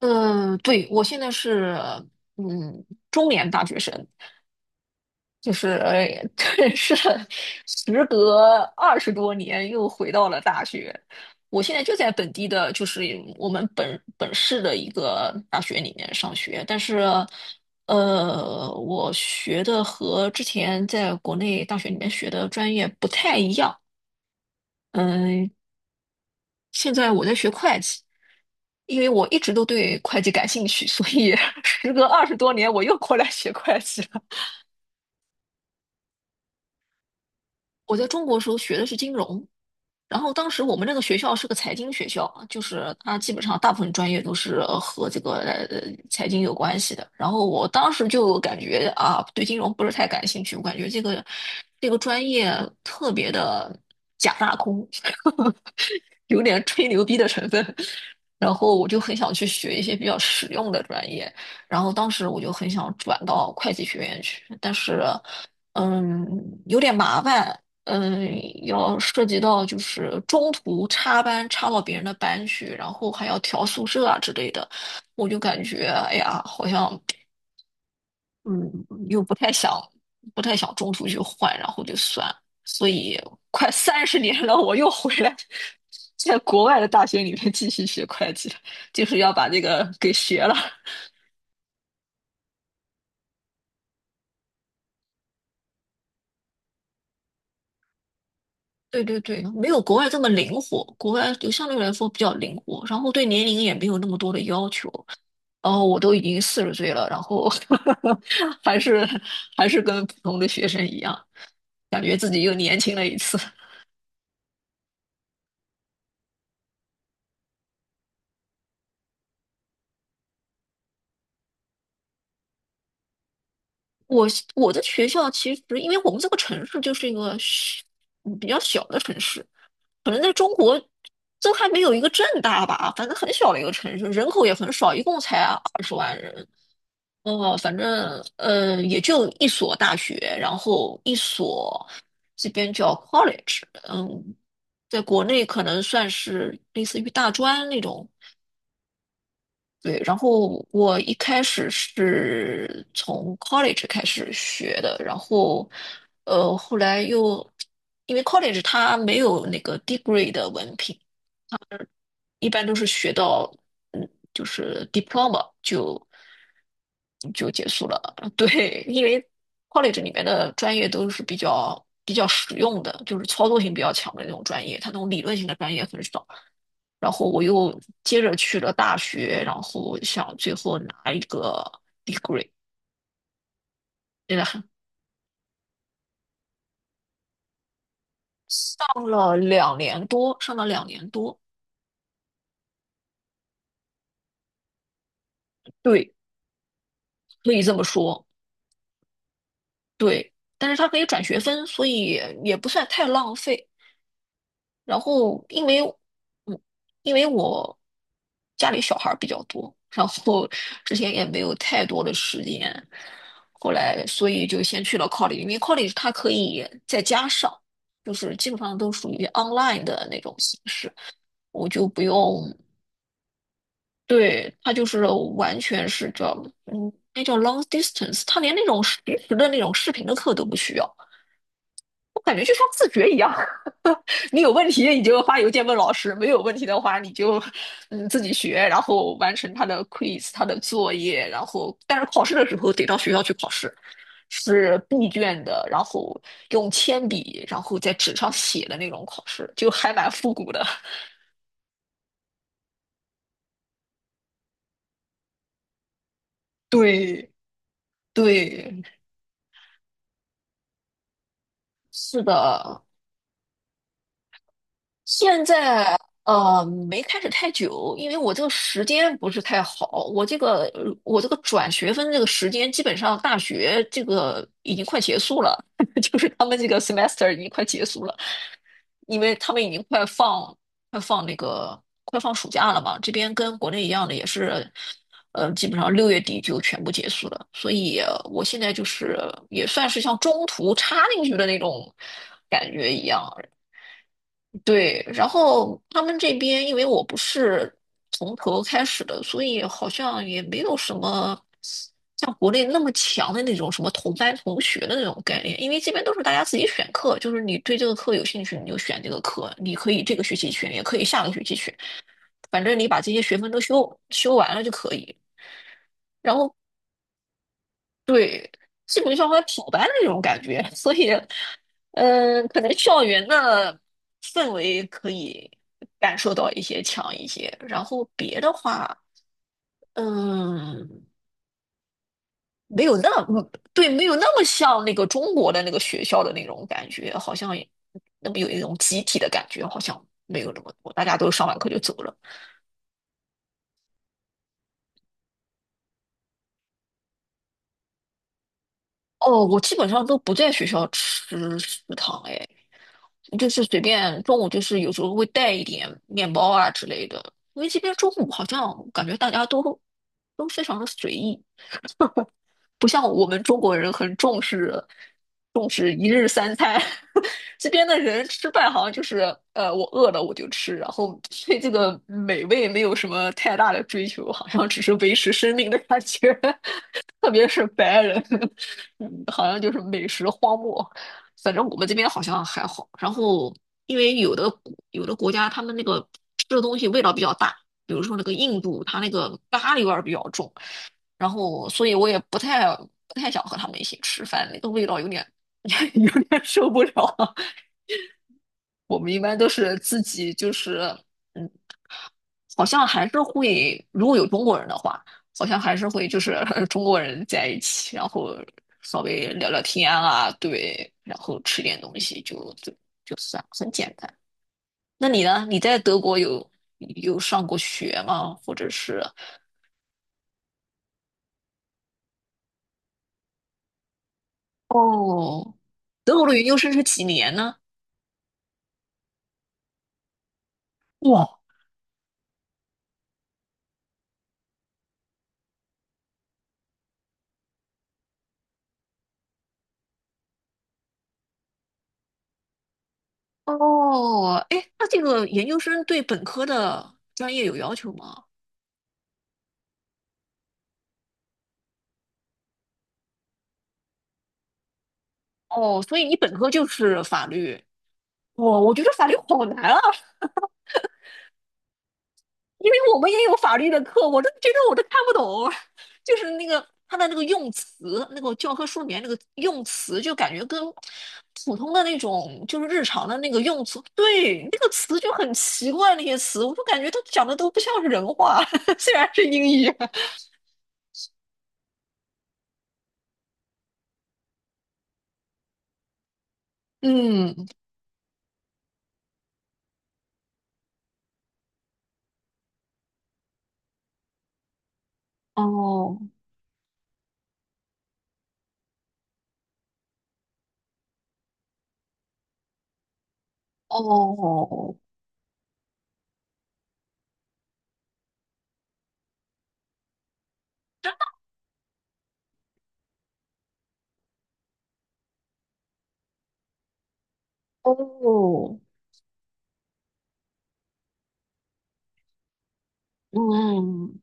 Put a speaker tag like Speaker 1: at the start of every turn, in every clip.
Speaker 1: 嗯，对，我现在是嗯中年大学生，就是是时隔20多年又回到了大学。我现在就在本地的，就是我们本市的一个大学里面上学，但是我学的和之前在国内大学里面学的专业不太一样。嗯，现在我在学会计，因为我一直都对会计感兴趣，所以 时隔二十多年，我又过来学会计了。我在中国时候学的是金融，然后当时我们那个学校是个财经学校啊，就是它基本上大部分专业都是和这个财经有关系的。然后我当时就感觉啊，对金融不是太感兴趣，我感觉这个专业特别的假大空，有点吹牛逼的成分。然后我就很想去学一些比较实用的专业，然后当时我就很想转到会计学院去，但是，嗯，有点麻烦。嗯，要涉及到就是中途插班插到别人的班去，然后还要调宿舍啊之类的，我就感觉哎呀，好像嗯，又不太想，不太想中途去换，然后就算了。所以快30年了，我又回来，在国外的大学里面继续学会计，就是要把这个给学了。对对对，没有国外这么灵活，国外就相对来说比较灵活，然后对年龄也没有那么多的要求。哦，我都已经40岁了，然后 还是还是跟普通的学生一样，感觉自己又年轻了一次。我我的学校其实，因为我们这个城市就是一个小比较小的城市，可能在中国都还没有一个正大吧，反正很小的一个城市，人口也很少，一共才20万人。哦，反正也就一所大学，然后一所这边叫 college，嗯，在国内可能算是类似于大专那种。对，然后我一开始是从 college 开始学的，然后后来又因为 college 它没有那个 degree 的文凭，一般都是学到嗯，就是 diploma 就结束了。对，因为 college 里面的专业都是比较实用的，就是操作性比较强的那种专业，它那种理论性的专业很少。然后我又接着去了大学，然后想最后拿一个 degree,真的很上了2年多，上了两年多，对，可以这么说，对。但是它可以转学分，所以也不算太浪费。然后嗯，因为我家里小孩儿比较多，然后之前也没有太多的时间，后来所以就先去了 college,因为 college 它可以在家上，就是基本上都属于 online 的那种形式，我就不用。对，它就是完全是叫，嗯，那叫 long distance,它连那种实时的那种视频的课都不需要，我感觉就像自学一样。你有问题你就发邮件问老师，没有问题的话你就自己学，然后完成他的 quiz、他的作业，然后但是考试的时候得到学校去考试，是闭卷的，然后用铅笔，然后在纸上写的那种考试，就还蛮复古的。对对，是的，现在没开始太久，因为我这个时间不是太好，我这个转学分这个时间基本上大学这个已经快结束了，就是他们这个 semester 已经快结束了，因为他们已经快放暑假了嘛，这边跟国内一样的也是，呃，基本上6月底就全部结束了，所以我现在就是也算是像中途插进去的那种感觉一样，对，然后他们这边因为我不是从头开始的，所以好像也没有什么像国内那么强的那种什么同班同学的那种概念，因为这边都是大家自己选课，就是你对这个课有兴趣你就选这个课，你可以这个学期选，也可以下个学期选，反正你把这些学分都修完了就可以。然后。对，基本上还跑班的那种感觉，所以，嗯，可能校园的氛围可以感受到一些强一些，然后别的话，嗯，没有那么，对，没有那么像那个中国的那个学校的那种感觉，好像也那么有一种集体的感觉，好像没有那么多，大家都上完课就走了。哦，我基本上都不在学校吃食堂，哎，就是随便中午就是有时候会带一点面包啊之类的，因为这边中午好像感觉大家都非常的随意，不像我们中国人很重视一日三餐，这边的人吃饭好像就是我饿了我就吃，然后对这个美味没有什么太大的追求，好像只是维持生命的感觉。特别是白人，嗯好像就是美食荒漠。反正我们这边好像还好。然后，因为有的国家他们那个吃的东西味道比较大，比如说那个印度，它那个咖喱味儿比较重，然后所以我也不太想和他们一起吃饭，那个味道有点 有点受不了。我们一般都是自己就是嗯。好像还是会，如果有中国人的话，好像还是会就是 中国人在一起，然后稍微聊聊天啊，对，然后吃点东西就就算很简单。那你呢？你在德国有上过学吗？或者是哦，德国的研究生是几年呢？哇，哦，哎，那这个研究生对本科的专业有要求吗？哦，所以你本科就是法律。哦，我觉得法律好难啊，因为我们也有法律的课，我都觉得我都看不懂，就是那个它的那个用词，那个教科书里面那个用词，就感觉跟普通的那种就是日常的那个用词，对，那个词就很奇怪，那些词，我就感觉它讲的都不像是人话，虽然是英语。嗯，哦，哦，哦，嗯。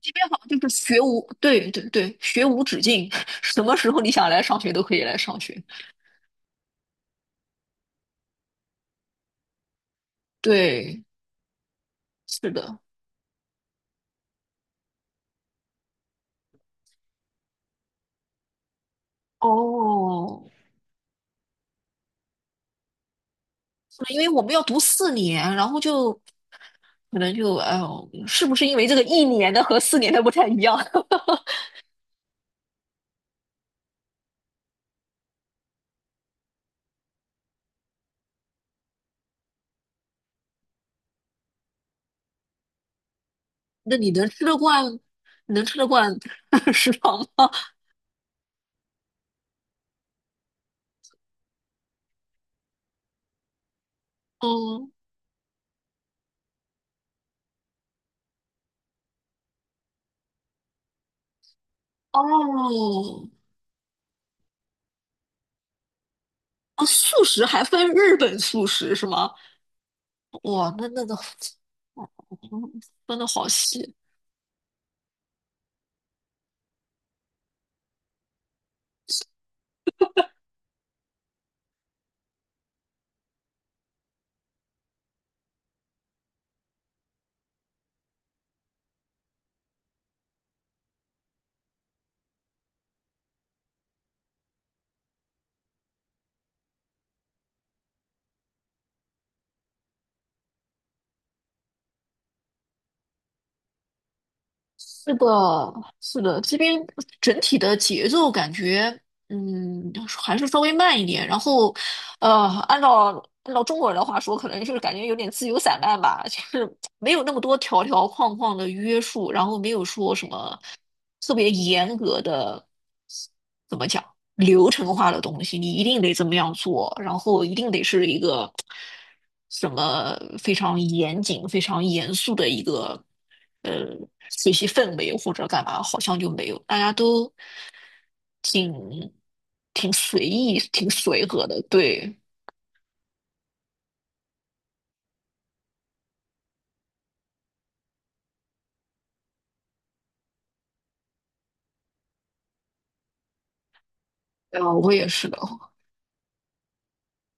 Speaker 1: 这边好像就是学无，对对对，学无止境，什么时候你想来上学都可以来上学。对，是的。哦，是的因为我们要读四年，然后就可能就，哎呦，是不是因为这个一年的和四年的不太一样？那你能吃得惯，你能吃得惯 食堂吗？嗯，哦，哦，素食还分日本素食是吗？哇，那个嗯分的好细。是的，是的，这边整体的节奏感觉，嗯，还是稍微慢一点。然后，呃，按照中国人的话说，可能就是感觉有点自由散漫吧，就是没有那么多条条框框的约束，然后没有说什么特别严格的，怎么讲？流程化的东西，你一定得怎么样做，然后一定得是一个什么非常严谨、非常严肃的一个呃学习氛围或者干嘛，好像就没有，大家都挺挺随意、挺随和的。对，啊，我也是的。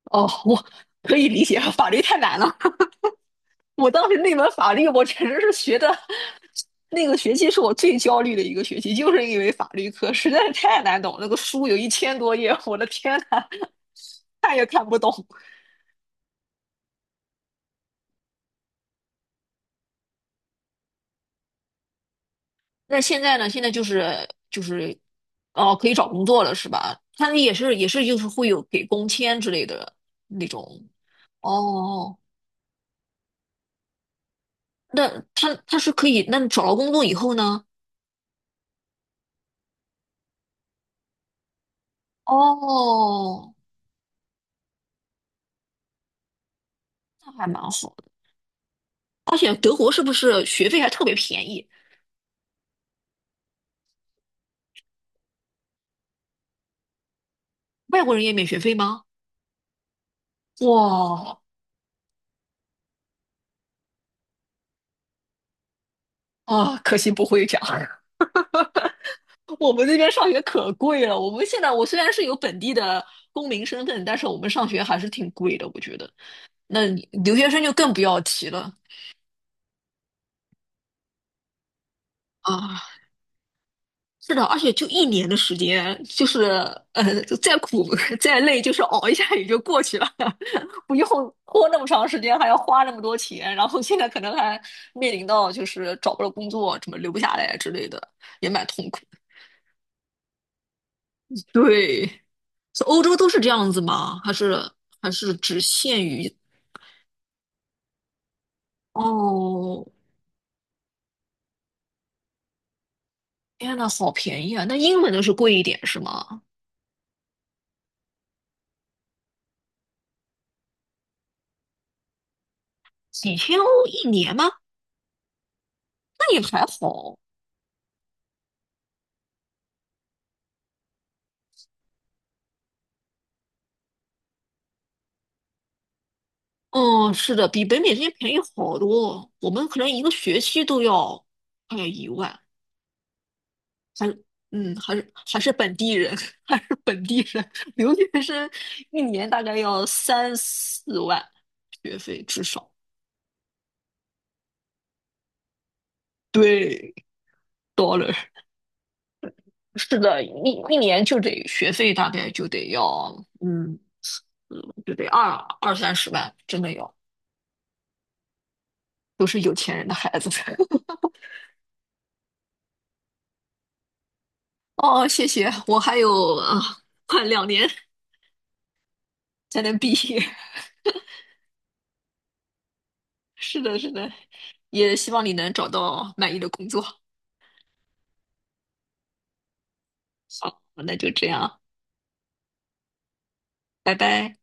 Speaker 1: 哦，我可以理解，法律太难了。我当时那门法律，我简直是学的，那个学期是我最焦虑的一个学期，就是因为法律课实在是太难懂，那个书有1000多页，我的天呐，看也看不懂。那现在呢？现在就是，哦，可以找工作了是吧？他们也是就是会有给工签之类的那种。哦，那他是可以，那找到工作以后呢？哦，那还蛮好的。而且德国是不是学费还特别便宜？外国人也免学费吗？哇啊，可惜不会讲。我们那边上学可贵了。我们现在，我虽然是有本地的公民身份，但是我们上学还是挺贵的，我觉得。那你留学生就更不要提了啊。是的，而且就一年的时间，就是呃，就再苦 再累，就是熬一下也就过去了，不用拖那么长时间，还要花那么多钱。然后现在可能还面临到就是找不到工作，怎么留不下来之类的，也蛮痛苦。对。是欧洲都是这样子吗？还是只限于？哦，天呐，好便宜啊！那英文的是贵一点是吗？几千欧一年吗？那也还好。哦，是的，比北美这边便宜好多。我们可能一个学期都要快要1万，还还是本地人，还是本地人留学生一年大概要3、4万学费至少。对dollar，dollar 是的，一年就得学费大概就得要，嗯就得二三十万，真的要，都是有钱人的孩子。哦，谢谢，我还有啊，快两年才能毕业。是的，是的，也希望你能找到满意的工作。好，那就这样，拜拜。